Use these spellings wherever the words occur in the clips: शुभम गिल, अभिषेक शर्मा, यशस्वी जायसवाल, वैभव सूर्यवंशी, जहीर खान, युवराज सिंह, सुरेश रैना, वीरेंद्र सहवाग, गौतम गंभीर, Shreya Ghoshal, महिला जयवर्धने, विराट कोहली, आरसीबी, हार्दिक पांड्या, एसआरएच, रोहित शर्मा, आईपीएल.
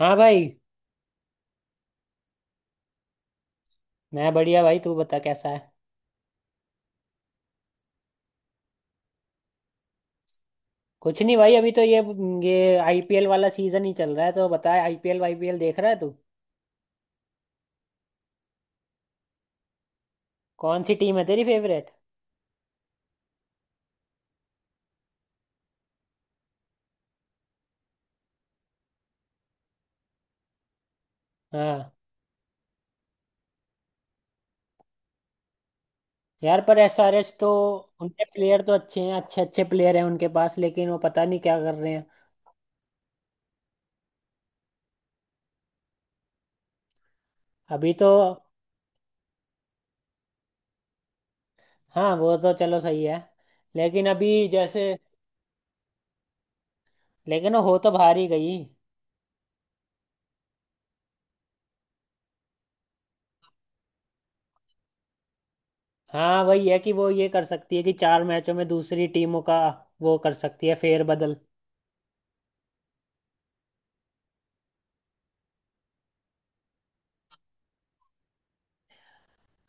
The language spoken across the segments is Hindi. हाँ भाई। मैं बढ़िया भाई, तू बता कैसा है। कुछ नहीं भाई, अभी तो ये आईपीएल वाला सीजन ही चल रहा है। तो बता, आईपीएल आईपीएल देख रहा है तू? कौन सी टीम है तेरी फेवरेट? हाँ, यार पर एसआरएच तो, उनके प्लेयर तो अच्छे हैं, अच्छे अच्छे प्लेयर हैं उनके पास, लेकिन वो पता नहीं क्या कर रहे हैं। अभी तो। हाँ वो तो चलो सही है। लेकिन अभी जैसे, लेकिन वो हो तो बाहर ही गई। हाँ वही है कि वो ये कर सकती है कि चार मैचों में दूसरी टीमों का वो कर सकती है फेरबदल।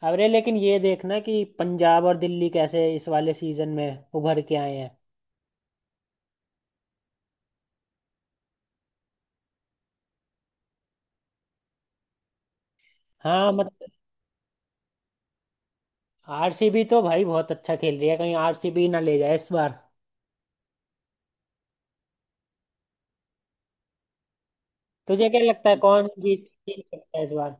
अरे लेकिन ये देखना कि पंजाब और दिल्ली कैसे इस वाले सीजन में उभर के आए हैं। हाँ मतलब। आरसीबी तो भाई बहुत अच्छा खेल रही है, कहीं आरसीबी ना ले जाए इस बार। तुझे क्या लगता है कौन जीत जीत सकता है इस बार?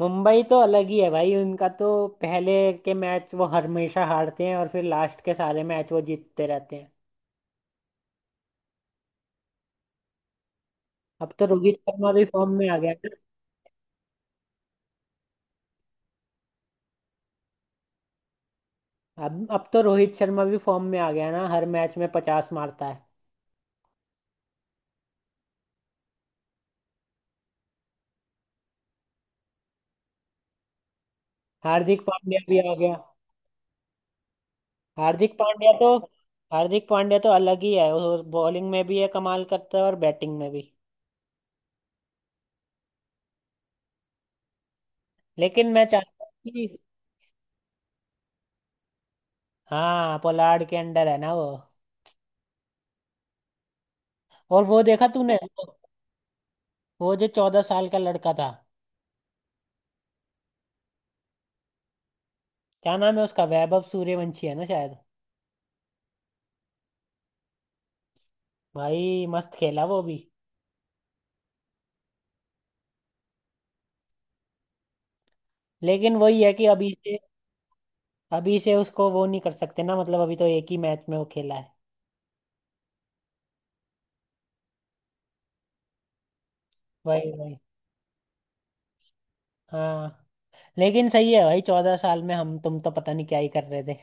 मुंबई तो अलग ही है भाई, उनका तो पहले के मैच वो हमेशा हारते हैं और फिर लास्ट के सारे मैच वो जीतते रहते हैं। अब तो रोहित शर्मा भी फॉर्म में आ गया है। ना अब तो रोहित शर्मा भी फॉर्म में आ गया है ना, हर मैच में 50 मारता है। हार्दिक पांड्या भी आ गया। हार्दिक पांड्या तो हार्दिक पांड्या तो अलग ही है, वो बॉलिंग में भी है, कमाल करता है, और बैटिंग में भी। लेकिन मैं चाहता हूँ कि, हाँ पोलार्ड के अंडर है ना वो। और वो देखा तूने, वो जो 14 साल का लड़का था, क्या नाम है उसका, वैभव सूर्यवंशी है ना शायद? भाई मस्त खेला वो भी। लेकिन वही है कि अभी से उसको वो नहीं कर सकते ना, मतलब अभी तो एक ही मैच में वो खेला है। वही वही। हाँ, लेकिन सही है भाई, 14 साल में हम तुम तो पता नहीं क्या ही कर रहे थे।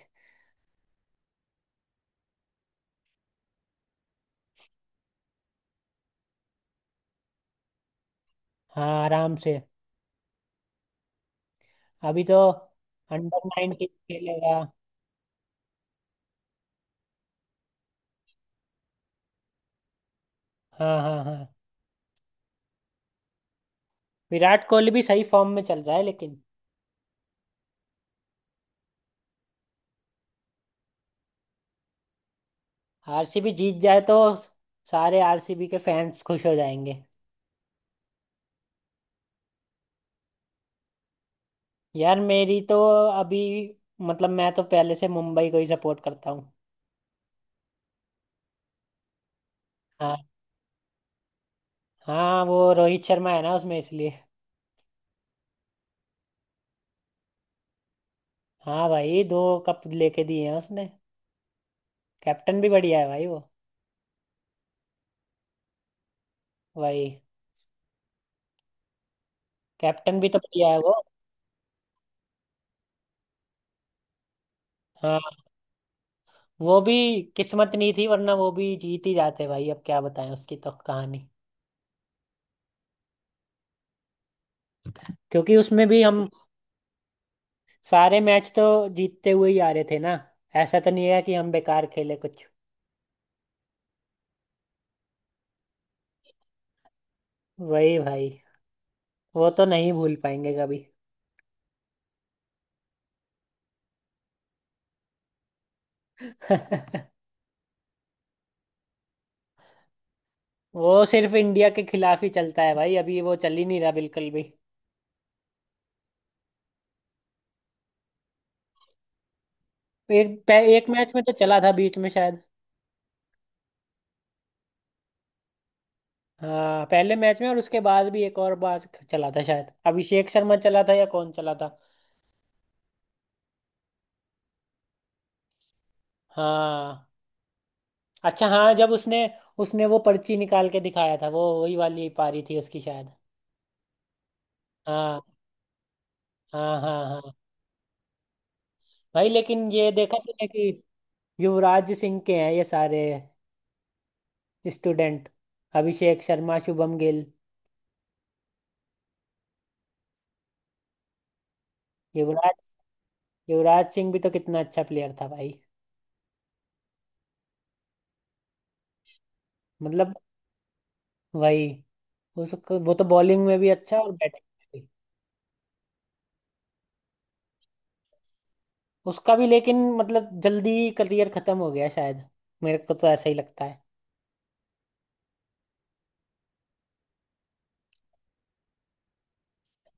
हाँ आराम से। अभी तो अंडर 19 खेलेगा। हाँ हाँ हाँ। विराट कोहली भी सही फॉर्म में चल रहा है लेकिन, आरसीबी जीत जाए तो सारे आरसीबी के फैंस खुश हो जाएंगे। यार मेरी तो, अभी मतलब मैं तो पहले से मुंबई को ही सपोर्ट करता हूँ। हाँ। हाँ, वो रोहित शर्मा है ना उसमें, इसलिए। हाँ भाई, 2 कप लेके दिए हैं उसने। कैप्टन भी बढ़िया है भाई वो। भाई, कैप्टन भी तो बढ़िया है वो। हाँ, वो भी किस्मत नहीं थी, वरना वो भी जीत ही जाते भाई, अब क्या बताएं उसकी तो कहानी। क्योंकि उसमें भी हम सारे मैच तो जीतते हुए ही आ रहे थे ना। ऐसा तो नहीं है कि हम बेकार खेले कुछ। वही भाई, वो तो नहीं भूल पाएंगे कभी। वो सिर्फ इंडिया के खिलाफ ही चलता है भाई, अभी वो चल ही नहीं रहा बिल्कुल भी। एक मैच में तो चला था बीच में शायद। हाँ पहले मैच में, और उसके बाद भी एक और बार चला था शायद, अभिषेक शर्मा चला था या कौन चला था। हाँ अच्छा, हाँ जब उसने उसने वो पर्ची निकाल के दिखाया था, वो वही वाली पारी थी उसकी शायद। हाँ हाँ हाँ। हाँ भाई, लेकिन ये देखा तूने कि युवराज सिंह के हैं ये सारे स्टूडेंट, अभिषेक शर्मा, शुभम गिल। युवराज युवराज सिंह भी तो कितना अच्छा प्लेयर था भाई, मतलब। वही, उसको वो तो बॉलिंग में भी अच्छा और बैटिंग में भी। उसका भी लेकिन, मतलब जल्दी करियर खत्म हो गया शायद, मेरे को तो ऐसा ही लगता है।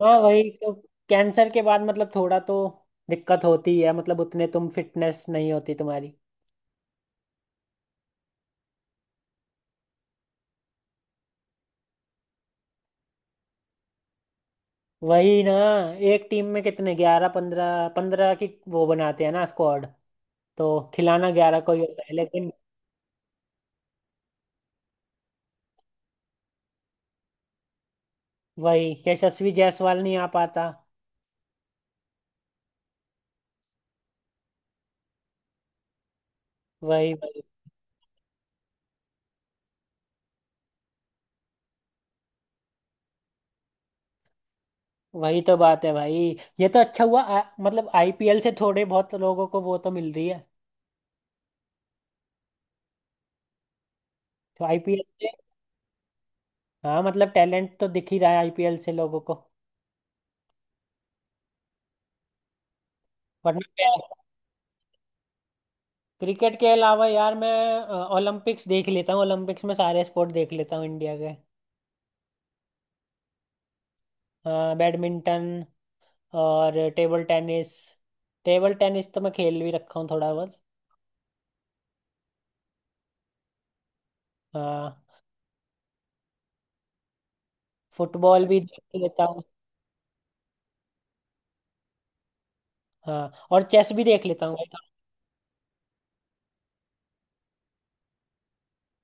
हाँ वही तो, कैंसर के बाद मतलब थोड़ा तो दिक्कत होती है, मतलब उतने तुम फिटनेस नहीं होती तुम्हारी। वही ना, एक टीम में कितने, 11, 15 15 की वो बनाते हैं ना स्क्वाड, तो खिलाना 11 को ही होता है लेकिन, वही यशस्वी जायसवाल नहीं आ पाता। वही वही, वही तो बात है भाई। ये तो अच्छा हुआ मतलब आईपीएल से थोड़े बहुत लोगों को वो तो मिल रही है। तो आईपीएल से, हाँ मतलब टैलेंट तो दिख ही रहा है आईपीएल से लोगों को, वरना क्या। क्रिकेट के अलावा यार मैं ओलंपिक्स देख लेता हूँ, ओलंपिक्स में सारे स्पोर्ट देख लेता हूँ इंडिया के। हाँ, बैडमिंटन और टेबल टेनिस। टेबल टेनिस तो मैं खेल भी रखा हूँ थोड़ा बहुत। हाँ। फुटबॉल भी देख लेता हूँ। हाँ और चेस भी देख लेता हूँ भाई।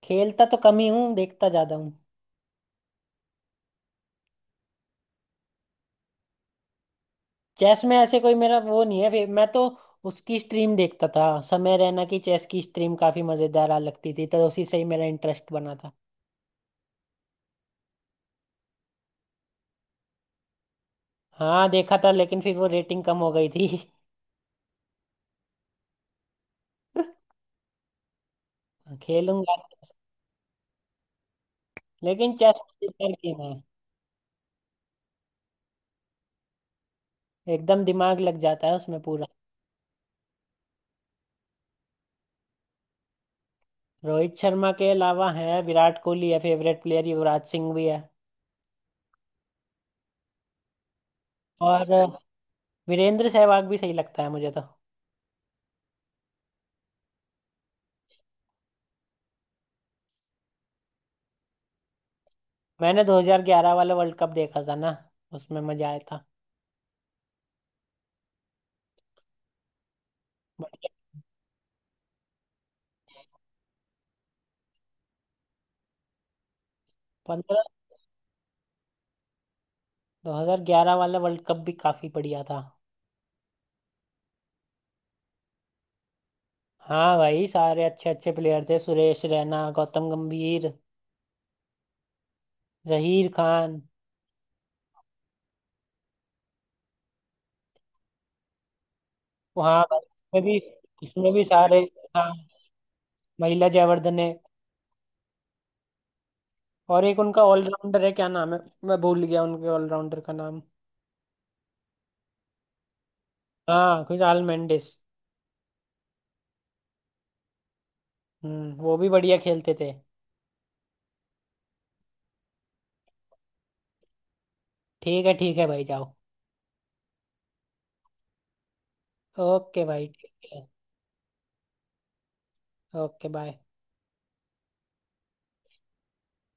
खेलता तो कम ही हूँ, देखता ज्यादा हूँ। चेस में ऐसे कोई मेरा वो नहीं है, मैं तो उसकी स्ट्रीम देखता था, समय रैना की चेस की स्ट्रीम काफी मजेदार आ लगती थी, तो उसी से ही मेरा इंटरेस्ट बना था। हाँ देखा था, लेकिन फिर वो रेटिंग कम हो गई थी। खेलूंगा। लेकिन चेस मजेदार गेम है, एकदम दिमाग लग जाता है उसमें पूरा। रोहित शर्मा के अलावा है विराट कोहली है फेवरेट प्लेयर, युवराज सिंह भी है। और वीरेंद्र सहवाग भी सही लगता है मुझे तो। मैंने 2011 वाला वर्ल्ड कप देखा था ना, उसमें मजा आया था। बढ़िया। पंद्रह 2011 वाला वर्ल्ड कप भी काफी बढ़िया था। हाँ भाई सारे अच्छे अच्छे प्लेयर थे, सुरेश रैना, गौतम गंभीर, जहीर खान। हाँ भाई इसमें भी सारे, हाँ, महिला जयवर्धने। और एक उनका ऑलराउंडर है, क्या नाम है, मैं भूल गया उनके ऑलराउंडर का नाम। हाँ कुछ आल मेंडिस। हम्म। वो भी बढ़िया खेलते थे। ठीक है, ठीक है भाई जाओ। ओके भाई ठीक है। Okay bye.